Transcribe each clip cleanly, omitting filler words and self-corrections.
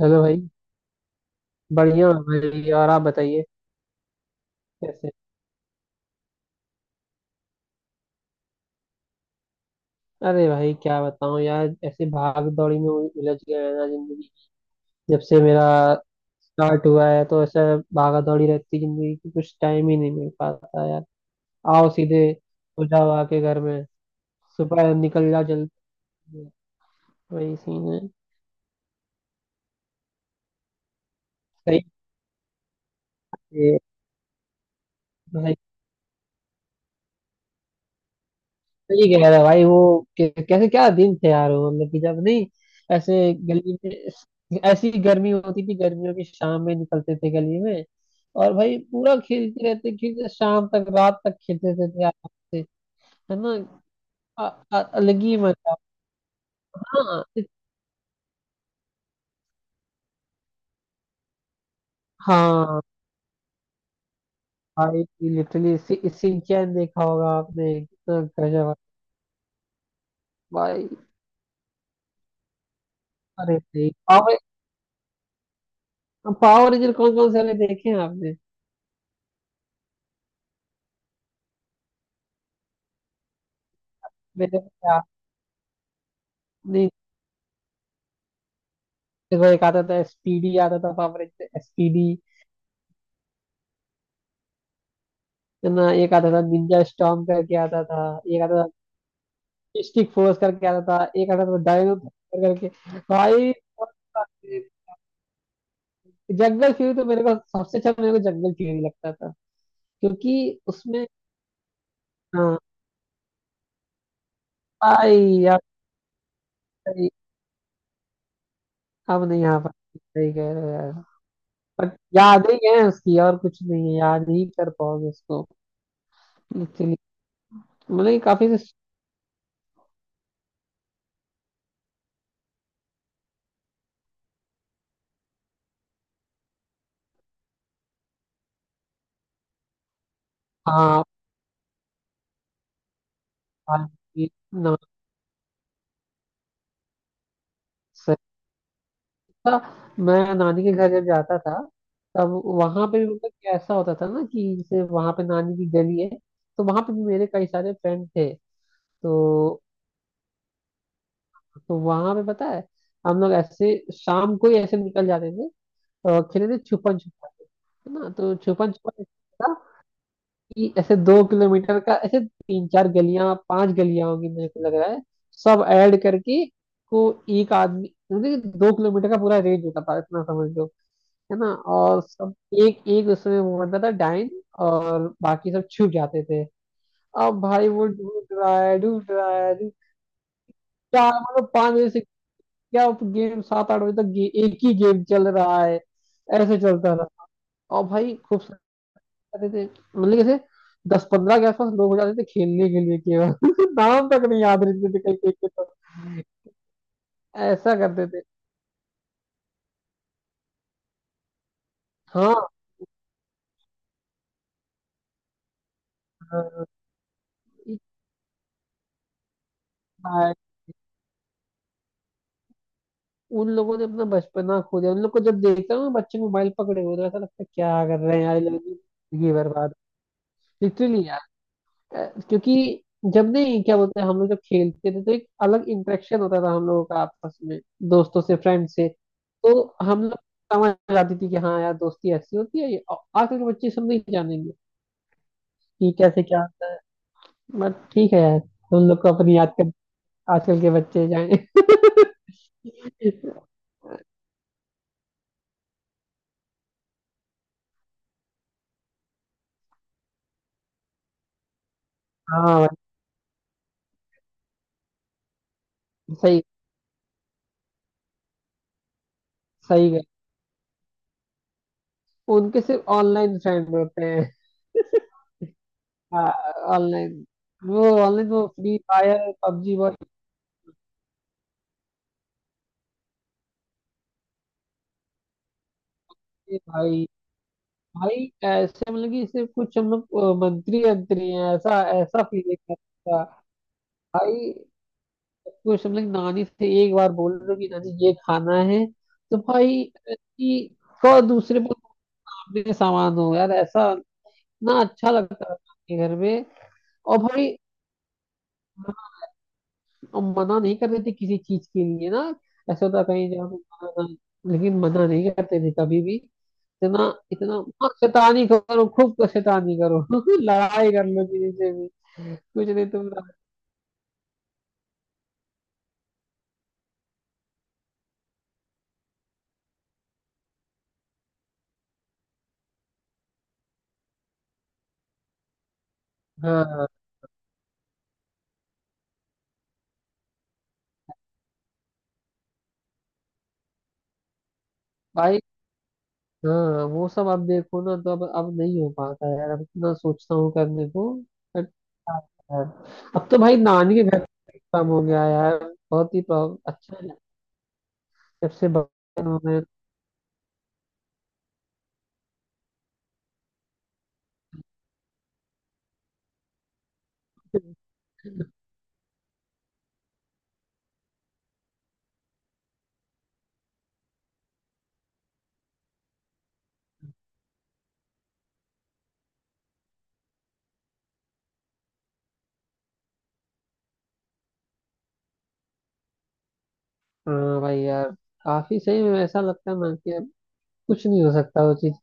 Hello भाई। बढ़िया हूँ भाई, और आप बताइए। कैसे? अरे भाई क्या बताऊँ यार, ऐसे भाग दौड़ी में उलझ गया है ना जिंदगी। जब से मेरा स्टार्ट हुआ है तो ऐसा भागा दौड़ी रहती जिंदगी की, कुछ टाइम ही नहीं मिल पाता यार। आओ सीधे हो जाओ आके घर में। सुबह निकल जाओ जल्दी। वही सीन है। सही है। सही कह रहा है भाई वो। कैसे क्या दिन थे यार वो, मतलब कि जब नहीं, ऐसे गली में ऐसी गर्मी होती थी, गर्मियों की शाम में निकलते थे गली में और भाई पूरा खेलते रहते, खेलते शाम तक, रात तक खेलते रहते थे आराम से। है ना? अ- अलग ही मजा। हाँ। हाँ भाई, लिटरली सिंचैन देखा होगा आपने कितना। गजब भाई। अरे नहीं पावर पावर रेंजर कौन कौन से वाले देखे हैं आपने? मेरे को याद नहीं। फिर वो एक आता था एसपीडी, आता था पावर एसपीडी। है ना, एक आता था निंजा स्टॉर्म करके आता था, एक आता था मिस्टिक फोर्स करके आता था, एक आता था डायनो थंडर करके। भाई जंगल फ्यूरी तो मेरे को सबसे अच्छा, मेरे को जंगल फ्यूरी लगता था, क्योंकि उसमें। हाँ भाई आप सही। अब नहीं आ पाते, सही कह रहे हो यार। बट याद ही है उसकी, और कुछ नहीं है, याद ही कर पाओगे उसको। एक्चुअली मतलब ये काफी से। हाँ भाई, ना था, मैं नानी के घर जब जाता था तब वहां पे भी, मतलब कि ऐसा होता था ना कि जैसे वहां पे नानी की गली है, तो वहां पे भी मेरे कई सारे फ्रेंड थे। तो तो वहां पे पता है, हम लोग ऐसे शाम को ही ऐसे निकल जाते थे और खेलते थे छुपन छुपाई। है ना? तो छुपन छुपाई कि ऐसे 2 किलोमीटर का, ऐसे तीन चार गलियां, पांच गलियां होंगी मेरे को लग रहा है, सब ऐड करके को। एक आदमी, मतलब कि 2 किलोमीटर का पूरा रेंज होता था इतना समझ लो। है ना? और सब एक एक उसमें वो बनता था डाइन और बाकी सब छुप जाते थे। अब भाई वो ढूंढ रहा है, ढूंढ रहा है, चार मतलब 5 बजे से, क्या गेम? 7-8 बजे तक एक ही गेम चल रहा है। ऐसे चलता रहा। और भाई खूब जाते थे, मतलब कैसे 10-15 के आसपास लोग हो जाते थे खेलने के लिए केवल नाम तक नहीं याद रहते थे कई कई के तो। ऐसा करते थे। हाँ। हाँ, एक बार उन लोगों ने अपना बचपना खो दिया, उन लोग को जब देखता हूँ बच्चे मोबाइल पकड़े हुए तो ऐसा लगता है क्या कर रहे हैं यार ये लोग, जिंदगी बर्बाद। लिटरली। क्योंकि जब नहीं क्या बोलते हैं हम लोग, जब खेलते थे तो एक अलग इंटरेक्शन होता था हम लोगों का आपस में, दोस्तों से, फ्रेंड से। तो हम लोग समझ जाती थी कि हाँ यार दोस्ती ऐसी होती है, ये आजकल के बच्चे सब नहीं जानेंगे कि कैसे क्या होता है। बट ठीक है यार, हम लोग को अपनी याद कर, आजकल के बच्चे जाए। हाँ भाई, सही। सही है। उनके सिर्फ ऑनलाइन फ्रेंड होते हैं। ऑनलाइन, वो ऑनलाइन, वो फ्री फायर पबजी, वो ये भाई। भाई ऐसे मतलब कि सिर्फ कुछ हम लोग मंत्री अंतरी हैं, ऐसा ऐसा फील था। भाई कुछ हम लोग नानी से एक बार बोल रहे हो कि नानी ये खाना है, तो भाई कि को दूसरे पर मांगने का सामान हो यार ऐसा। ना अच्छा लगता था के घर में। और भाई हम मना नहीं करते थे किसी चीज के लिए ना, ऐसा होता कहीं जाओ तो मना, ना लेकिन मना नहीं करते थे कभी भी। इतना इतना हाँ, शैतानी करो खूब शैतानी करो लड़ाई कर लो किसी से भी। कुछ नहीं तुम। हाँ भाई। हाँ वो सब अब देखो ना, तो अब नहीं हो पाता है यार, अब इतना सोचता हूँ करने को। बट यार, अब तो भाई नानी के घर काम हो गया है यार, बहुत ही अच्छा है। जब से बचपन में, हाँ भाई यार काफी, सही में ऐसा लगता है ना कि अब कुछ नहीं हो सकता वो चीज,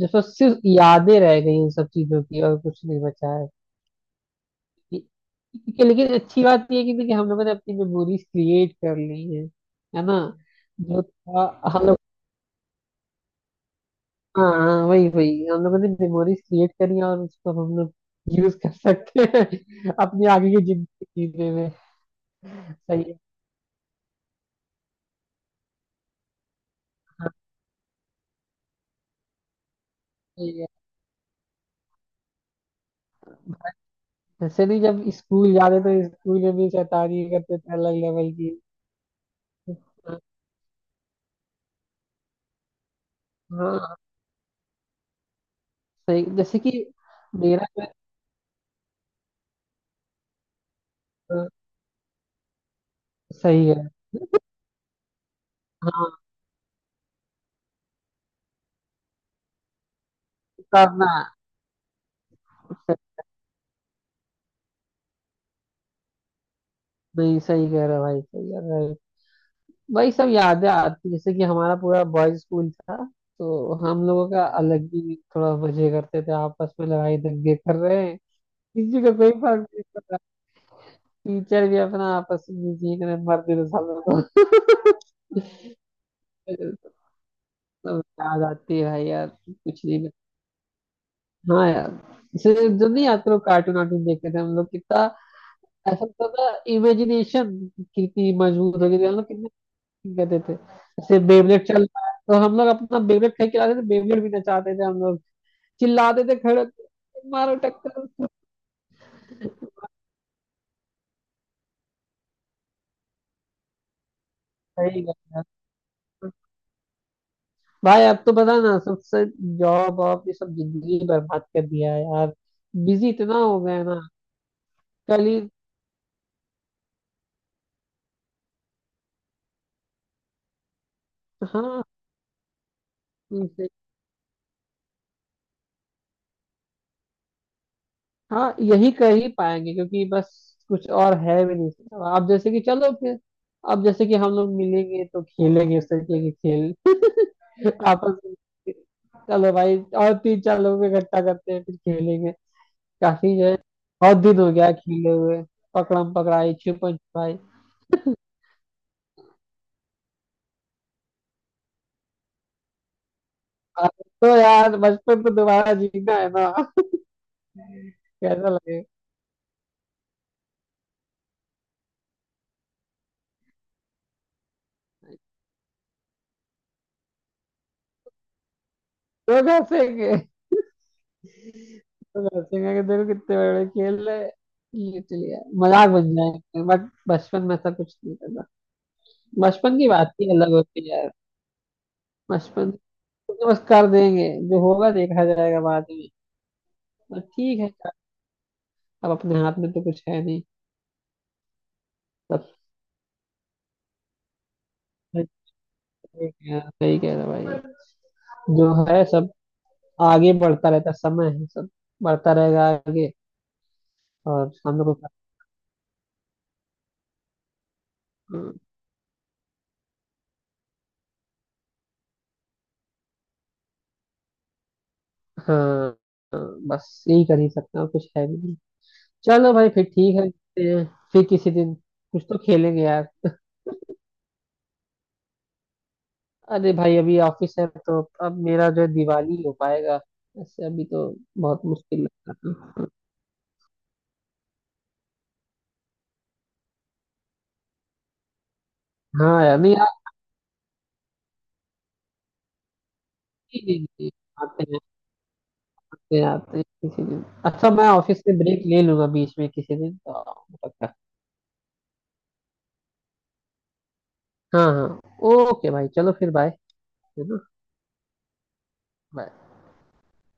जैसे सिर्फ यादें रह गई उन सब चीजों की और कुछ नहीं बचा है। कि, लेकिन अच्छी बात ये है कि हम लोगों ने अपनी मेमोरीज क्रिएट कर ली है। है ना? जो था हम लोग। हाँ। हाँ, वही वही हम लोगों ने मेमोरीज क्रिएट करी हैं और उसको अब हम लोग यूज कर सकते हैं अपनी आगे की जिंदगी जीने में। सही है। सही है। वैसे नहीं, जब स्कूल जाते तो स्कूल में भी शैतानी करते थे अलग लेवल की। हाँ सही, जैसे कि मेरा हाँ, सही है। हाँ करना। नहीं सही कह रहा भाई, सही कह रहा है। वही सब यादें आती जैसे कि हमारा पूरा बॉयज स्कूल था, तो हम लोगों का अलग ही, थोड़ा मजे करते थे आपस में, लड़ाई दंगे कर रहे हैं किसी को कोई फर्क नहीं पड़ा, टीचर भी अपना आपस में जी कर मरते तो सब लोग। सब याद आती है भाई यार, कुछ नहीं हाँ यार। इससे जो नहीं आते लोग, कार्टून वार्टून देखते थे हम लोग कितना, ऐसा होता था। इमेजिनेशन कितनी मजबूत हो गई थी, हम लोग कितने कहते थे। जैसे बेबलेट चल रहा है तो हम लोग अपना बेबलेट फेंक के लाते थे, बेबलेट भी नचाते थे हम लोग। चिल्लाते थे खड़े होके, मारो टक्कर। सही बात है। भाई अब तो पता ना, सबसे जॉब वॉब ये सब जिंदगी बर्बाद कर दिया है यार, बिजी इतना हो गया है ना। कल ही। हाँ। उनसे- हाँ यही कर ही पाएंगे, क्योंकि बस कुछ और है भी नहीं। अब जैसे कि चलो फिर, अब जैसे कि हम लोग मिलेंगे तो खेलेंगे इस तरीके के खेल। आपस में। चलो भाई, और तीन चार लोग इकट्ठा करते हैं फिर खेलेंगे। काफी जो है, बहुत दिन हो गया खेले हुए पकड़म पकड़ाई छुपन छुपाई। अब तो यार बचपन तो दोबारा जीना है ना? कैसा लगे, लोग हंसेंगे, लोग हंसेंगे कि देखो कितने बड़े बड़े खेल रहे हैं। ये चलिए मजाक बन जाएंगे बट बचपन में ऐसा कुछ नहीं करता। बचपन की बात ही अलग होती है यार, बचपन तो बस कर देंगे जो होगा देखा जाएगा बाद में। पर ठीक है यार, अब अपने हाथ में तो कुछ है नहीं। सब सही कह रहे हो, सही कह रहे हो भाई। जो है सब आगे बढ़ता रहता है, समय है सब बढ़ता रहेगा आगे, और हम लोग को। हाँ। हाँ, बस यही कर ही सकते हैं, और कुछ है भी नहीं। चलो भाई फिर ठीक है मिलते हैं। फिर किसी दिन कुछ तो खेलेंगे यार। अरे भाई अभी ऑफिस है, तो अब मेरा जो है दिवाली हो पाएगा, ऐसे अभी तो। बहुत मुश्किल लगता था। हाँ यार। नहीं आते ही नहीं, आते हैं आते हैं आते हैं किसी दिन। अच्छा मैं ऑफिस से ब्रेक ले लूंगा बीच में किसी दिन तो। पक्का। हाँ हाँ। ओके भाई, चलो फिर बाय। है ना? Bye।